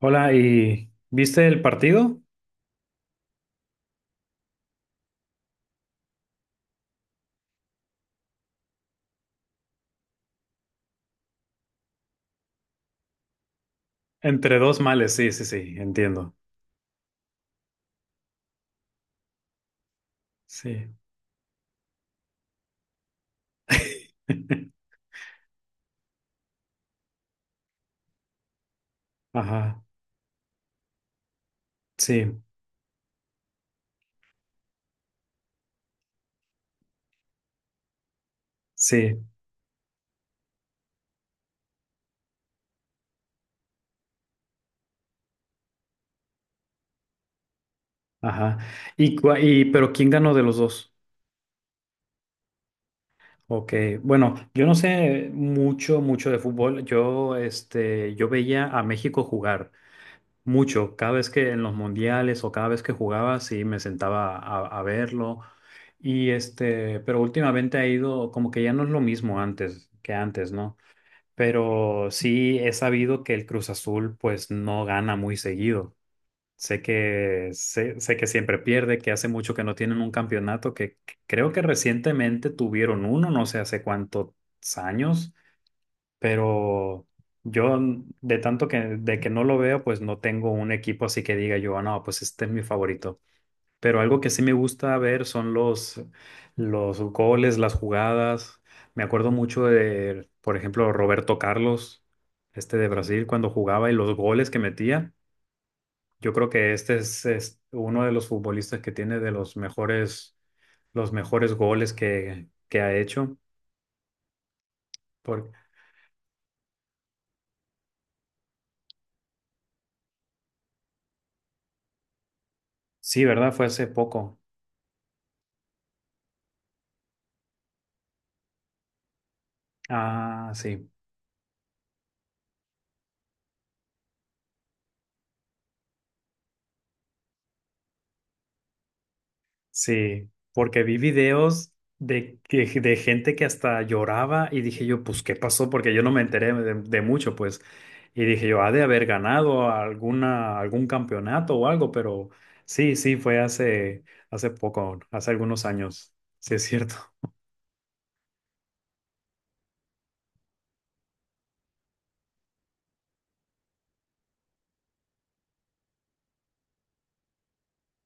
Hola, ¿y viste el partido? Entre dos males, sí, sí, sí, entiendo. Sí. Ajá, sí, sí, ajá. ¿Y pero quién ganó de los dos? Ok, bueno, yo no sé mucho, mucho de fútbol. Yo veía a México jugar mucho. Cada vez que en los mundiales o cada vez que jugaba, sí, me sentaba a verlo. Y pero últimamente ha ido como que ya no es lo mismo antes que antes, ¿no? Pero sí he sabido que el Cruz Azul pues no gana muy seguido. Sé que siempre pierde, que hace mucho que no tienen un campeonato, que creo que recientemente tuvieron uno, no sé hace cuántos años, pero yo n- de tanto que, de que no lo veo, pues no tengo un equipo así que diga yo: "Ah, no, pues este es mi favorito". Pero algo que sí me gusta ver son los goles, las jugadas. Me acuerdo mucho de, por ejemplo, Roberto Carlos, este de Brasil, cuando jugaba y los goles que metía. Yo creo que este es uno de los futbolistas que tiene de los mejores goles que ha hecho. Por, sí, ¿verdad? Fue hace poco. Ah, sí. Sí, porque vi videos de gente que hasta lloraba y dije yo, pues, ¿qué pasó? Porque yo no me enteré de mucho, pues. Y dije yo, ha de haber ganado algún campeonato o algo, pero sí, sí, fue hace poco, hace algunos años. Sí, es cierto.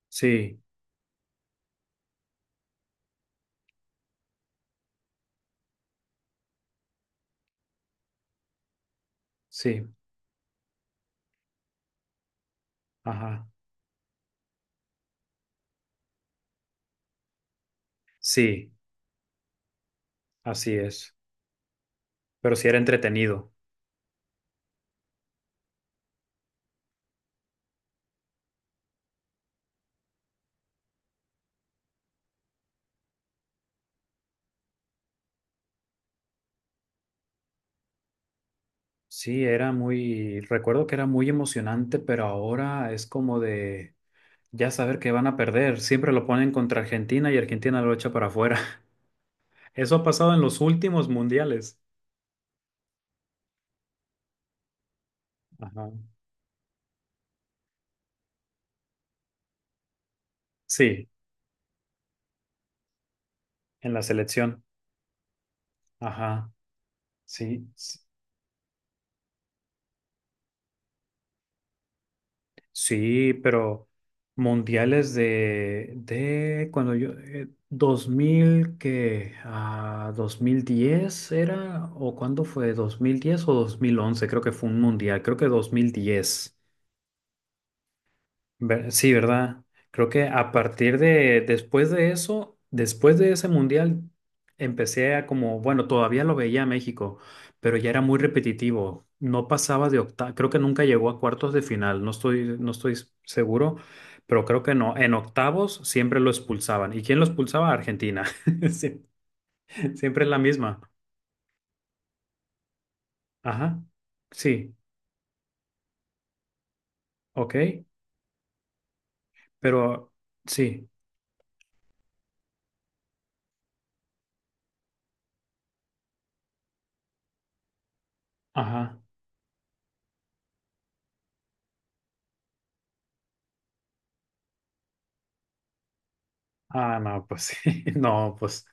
Sí, sí, ajá. Sí, así es. Pero sí era entretenido. Sí, recuerdo que era muy emocionante, pero ahora es como de. Ya saber que van a perder, siempre lo ponen contra Argentina y Argentina lo echa para afuera. Eso ha pasado en los últimos mundiales. Ajá. Sí, en la selección. Ajá. Sí, sí, pero mundiales de cuando yo, a 2010 era, o cuándo fue, 2010 o 2011 creo que fue un mundial, creo que 2010. Sí, ¿verdad? Creo que después de eso, después de ese mundial, bueno, todavía lo veía a México, pero ya era muy repetitivo. No pasaba de octavos, creo que nunca llegó a cuartos de final, no estoy seguro, pero creo que no. En octavos siempre lo expulsaban. ¿Y quién lo expulsaba? Argentina. Sie- Siempre es la misma. Ajá. Sí, ok, pero sí, ajá. Ah, no, pues sí, no, pues,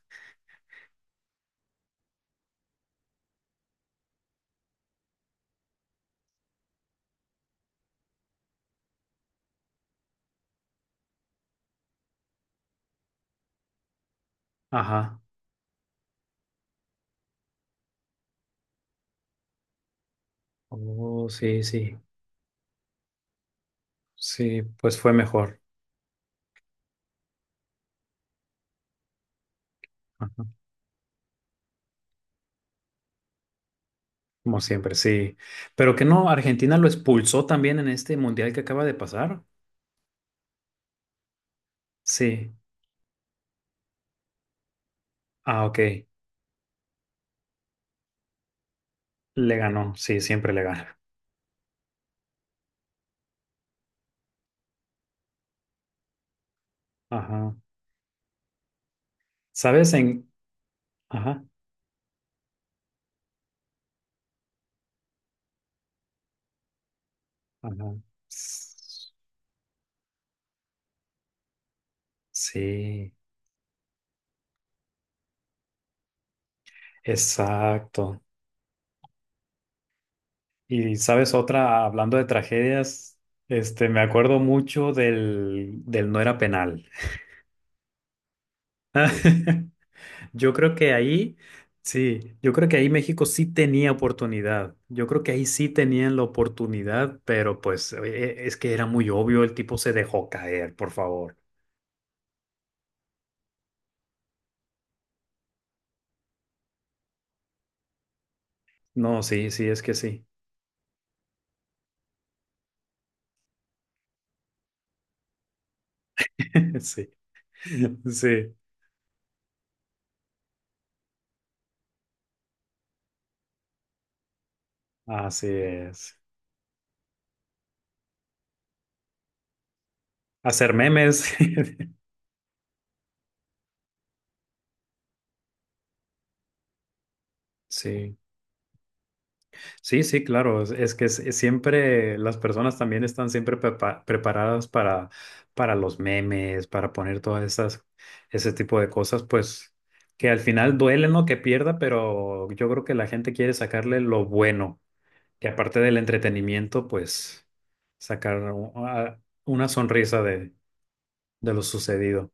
ajá. Oh, sí, sí, sí, pues fue mejor, ajá, como siempre, sí. Pero que no, Argentina lo expulsó también en este mundial que acaba de pasar. Sí, ah, ok, le ganó, sí, siempre le gana. Ajá, ¿sabes en? Ajá, ajá. S- Sí, exacto. Y sabes otra, hablando de tragedias, me acuerdo mucho del no era penal. Yo creo que ahí, sí, yo creo que ahí México sí tenía oportunidad. Yo creo que ahí sí tenían la oportunidad, pero pues es que era muy obvio, el tipo se dejó caer, por favor. No, sí, sí, es que sí. Sí, sí, así es. Hacer memes. Sí. Sí, sí, claro. Siempre las personas también están siempre preparadas para los memes, para poner todas ese tipo de cosas, pues que al final duele, ¿no? Que pierda, pero yo creo que la gente quiere sacarle lo bueno. Que aparte del entretenimiento, pues sacar una sonrisa de lo sucedido.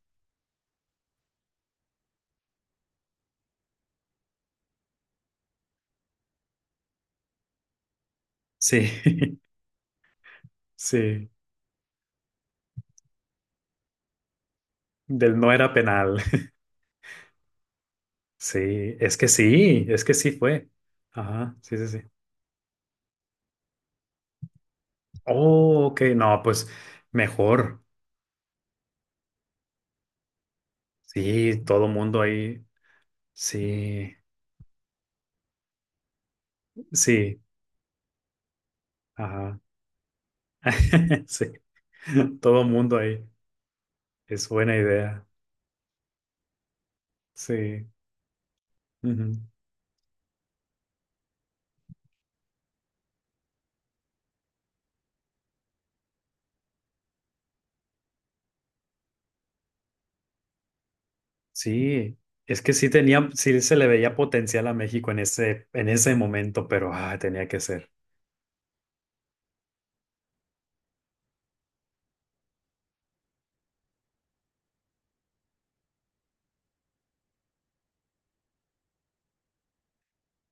Sí, sí. Del no era penal. Sí, es que sí, es que sí fue. Ajá, sí, sí, sí. Oh, ok, no, pues mejor. Sí, todo mundo ahí. Sí, sí, ajá. Sí, todo mundo ahí. Es buena idea. Sí, ujú. Sí, es que sí tenía, sí se le veía potencial a México en ese momento, pero tenía que ser.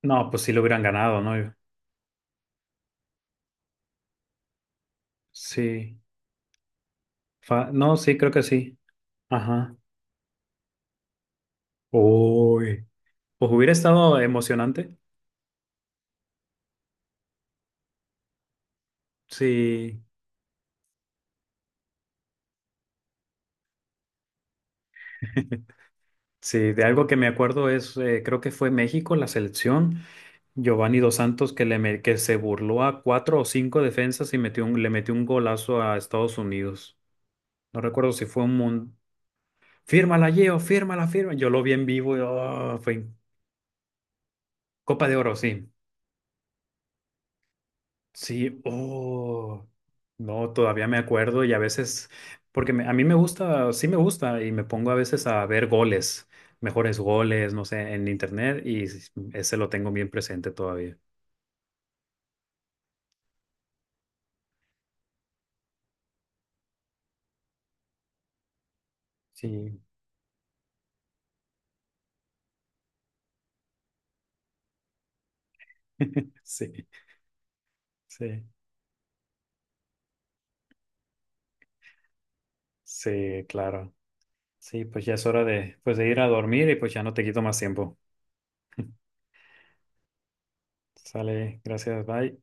No, pues sí lo hubieran ganado, ¿no? Sí, no, sí, creo que sí. Ajá. Uy, pues hubiera estado emocionante. Sí. Sí, de algo que me acuerdo creo que fue México, la selección, Giovanni Dos Santos que se burló a cuatro o cinco defensas y le metió un golazo a Estados Unidos. No recuerdo si fue un mundo. Fírmala, Gio, fírmala, firma. Yo lo vi en vivo y oh, fue Copa de Oro, sí. Sí, oh. No, todavía me acuerdo y a veces, porque a mí me gusta, sí me gusta y me pongo a veces a ver goles, mejores goles, no sé, en internet y ese lo tengo bien presente todavía. Sí, sí, sí, sí, claro. Sí, pues ya es hora de ir a dormir y pues ya no te quito más tiempo. Sale, gracias, bye.